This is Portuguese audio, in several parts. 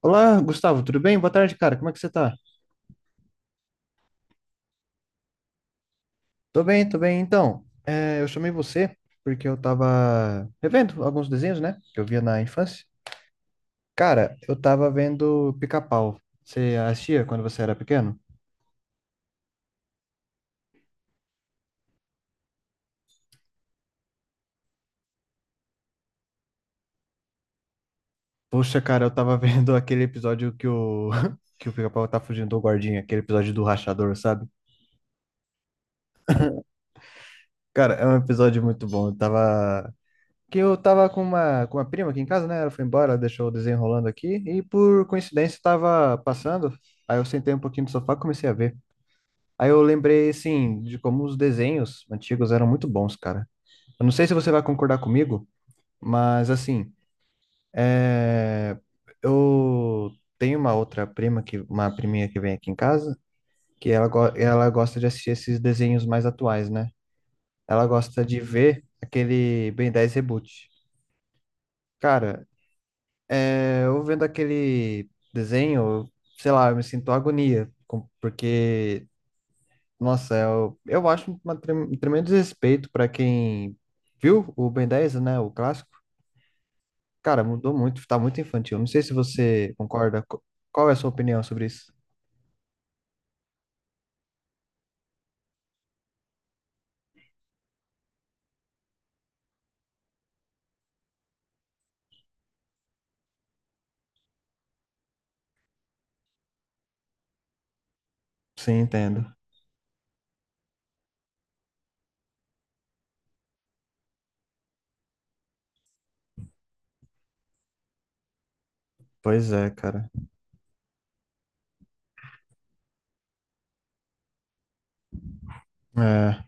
Olá, Gustavo, tudo bem? Boa tarde, cara. Como é que você tá? Tô bem, tô bem. Então, eu chamei você porque eu tava revendo alguns desenhos, né? Que eu via na infância. Cara, eu tava vendo Pica-Pau. Você assistia quando você era pequeno? Poxa, cara, eu tava vendo aquele episódio que o, que o Pica-Pau tá fugindo do guardinha, aquele episódio do rachador, sabe? Cara, é um episódio muito bom. Eu tava com uma prima aqui em casa, né? Ela foi embora, ela deixou o desenho rolando aqui, e por coincidência tava passando, aí eu sentei um pouquinho no sofá e comecei a ver. Aí eu lembrei, assim, de como os desenhos antigos eram muito bons, cara. Eu não sei se você vai concordar comigo, mas, assim, é... eu tenho uma outra prima, que, uma priminha que vem aqui em casa, que ela, ela gosta de assistir esses desenhos mais atuais, né? Ela gosta de ver aquele Ben 10 Reboot. Cara, é, eu vendo aquele desenho, sei lá, eu me sinto agonia, porque, nossa, eu acho uma um tremendo desrespeito para quem viu o Ben 10, né, o clássico. Cara, mudou muito, tá muito infantil. Não sei se você concorda. Qual é a sua opinião sobre isso? Sim, entendo. Pois é, cara. É.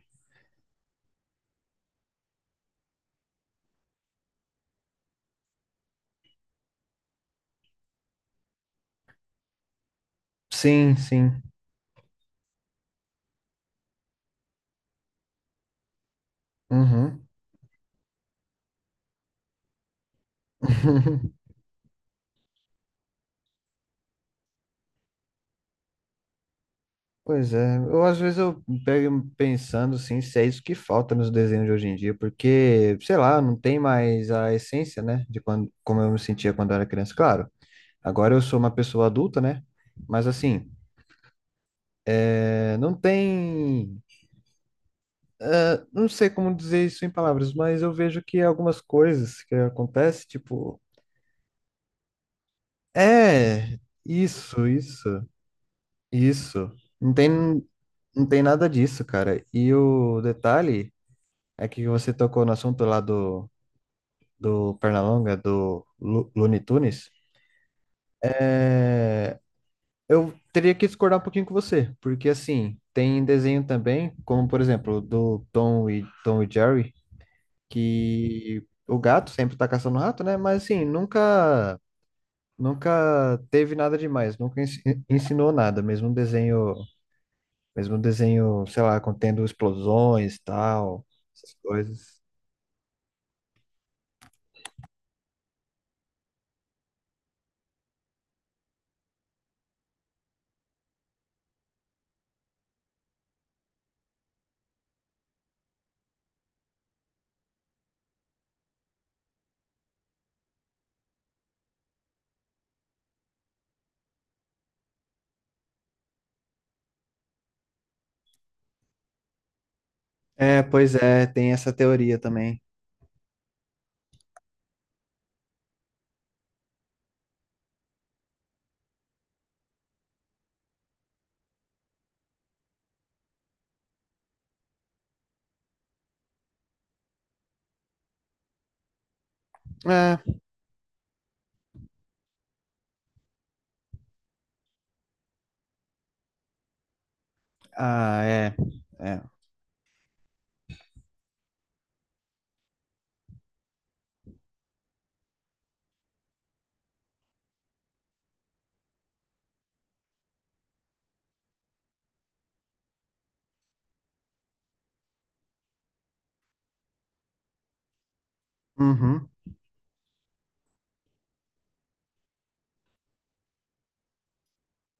Sim, sim. Uhum. Pois é, eu às vezes eu pego pensando assim, se é isso que falta nos desenhos de hoje em dia, porque, sei lá, não tem mais a essência, né, de quando, como eu me sentia quando eu era criança. Claro, agora eu sou uma pessoa adulta, né, mas assim, é, não tem, não sei como dizer isso em palavras, mas eu vejo que algumas coisas que acontecem, tipo, é, isso, isso, isso, não tem, não tem nada disso, cara. E o detalhe é que você tocou no assunto lá do Pernalonga, do Looney Tunes, eu teria que discordar um pouquinho com você, porque assim, tem desenho também, como por exemplo, do Tom e Jerry, que o gato sempre tá caçando o rato, né? Mas assim, nunca teve nada demais, nunca ensinou nada, mesmo um desenho, sei lá, contendo explosões, e tal, essas coisas. É, pois é, tem essa teoria também. É, ah, é, é. Uhum.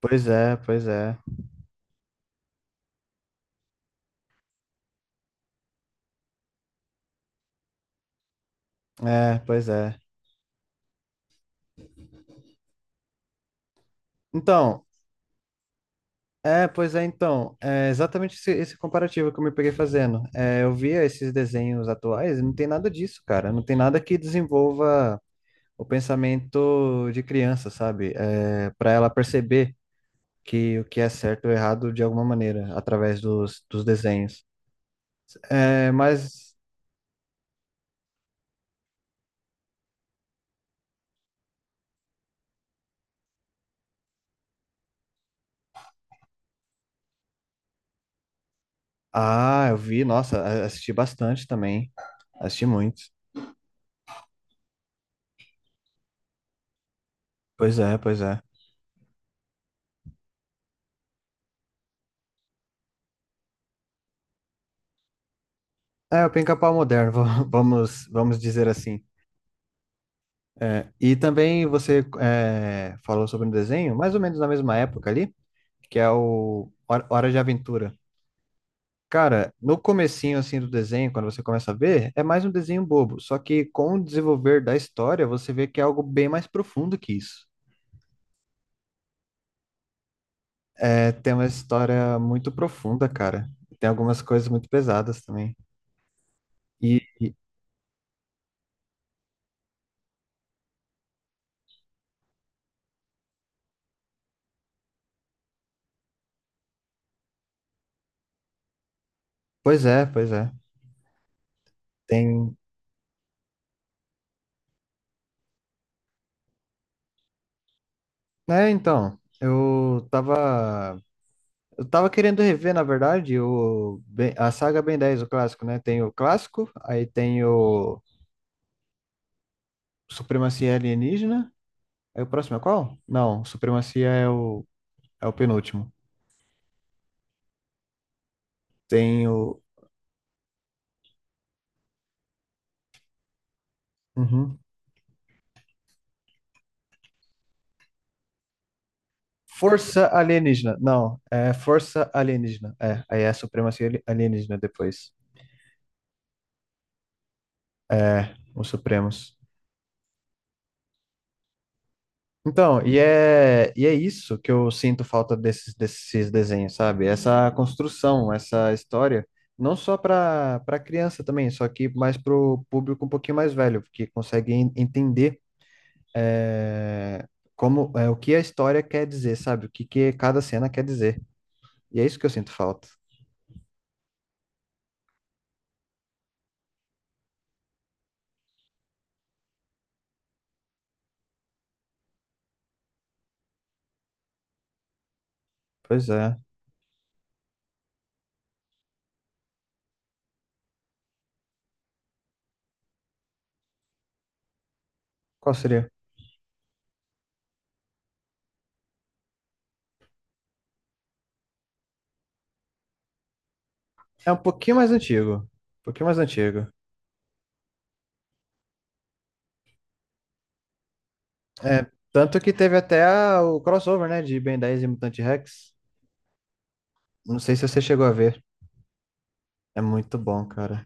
Pois é, pois é. É, pois é. Então, é, pois é, então. É exatamente esse comparativo que eu me peguei fazendo. É, eu via esses desenhos atuais e não tem nada disso, cara. Não tem nada que desenvolva o pensamento de criança, sabe? É, para ela perceber que o que é certo ou errado de alguma maneira, através dos desenhos. É, mas. Ah, eu vi, nossa, assisti bastante também. Assisti muito. Pois é, pois é. É o pica-pau moderno, vamos dizer assim. É, e também falou sobre um desenho, mais ou menos na mesma época ali, que é o Hora de Aventura. Cara, no comecinho assim do desenho, quando você começa a ver, é mais um desenho bobo. Só que com o desenvolver da história, você vê que é algo bem mais profundo que isso. É, tem uma história muito profunda, cara. Tem algumas coisas muito pesadas também. E, e- pois é, pois é. Tem. É, então, eu tava querendo rever, na verdade, a saga Ben 10, o clássico, né? Tem o clássico, aí tem o Supremacia Alienígena. Aí o próximo é qual? Não, Supremacia é é o penúltimo. Tem o. Uhum. Força Alienígena. Não, é Força Alienígena. É, aí é a Supremacia Alienígena depois. É, os Supremos. Então, e é isso que eu sinto falta desses desenhos, sabe? Essa construção, essa história, não só para criança também, só que mais para o público um pouquinho mais velho, que consegue entender é, como é, o que a história quer dizer, sabe? O que cada cena quer dizer. E é isso que eu sinto falta. Pois é. Qual seria? É um pouquinho mais antigo. Um pouquinho mais antigo. É, tanto que teve até o crossover, né, de Ben 10 e Mutante Rex. Não sei se você chegou a ver. É muito bom, cara.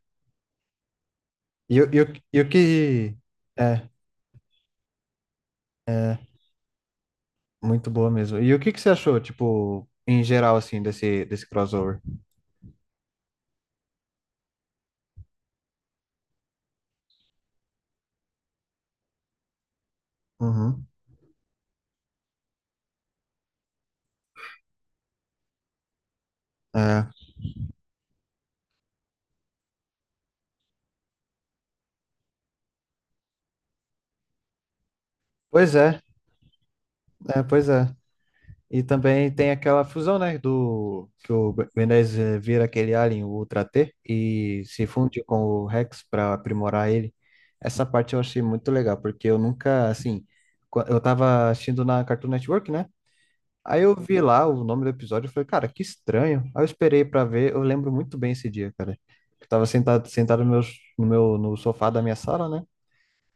E o que. É, muito boa mesmo. E o que que você achou, tipo, em geral, assim, desse crossover? Uhum. É. Pois é, é, pois é. E também tem aquela fusão, né, do que o Ben 10 vira aquele alien, o Ultra T, e se funde com o Rex para aprimorar ele. Essa parte eu achei muito legal, porque eu nunca, assim, eu tava assistindo na Cartoon Network, né? Aí eu vi lá o nome do episódio e falei, cara, que estranho. Aí eu esperei pra ver, eu lembro muito bem esse dia, cara. Eu tava sentado no no meu, no sofá da minha sala, né?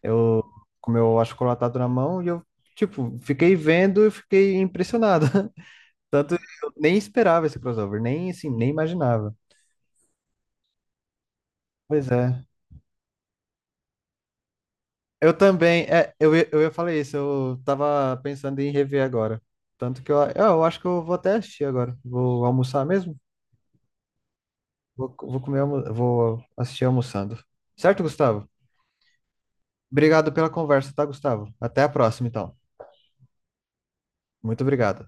Eu com o meu achocolatado na mão e eu, tipo, fiquei vendo e fiquei impressionado. Tanto eu nem esperava esse crossover, nem assim, nem imaginava. Pois é. Eu também, é, eu ia falar isso, eu tava pensando em rever agora. Tanto que eu acho que eu vou até assistir agora. Vou almoçar mesmo. Vou, vou comer, vou assistir almoçando. Certo, Gustavo? Obrigado pela conversa, tá, Gustavo? Até a próxima, então. Muito obrigado.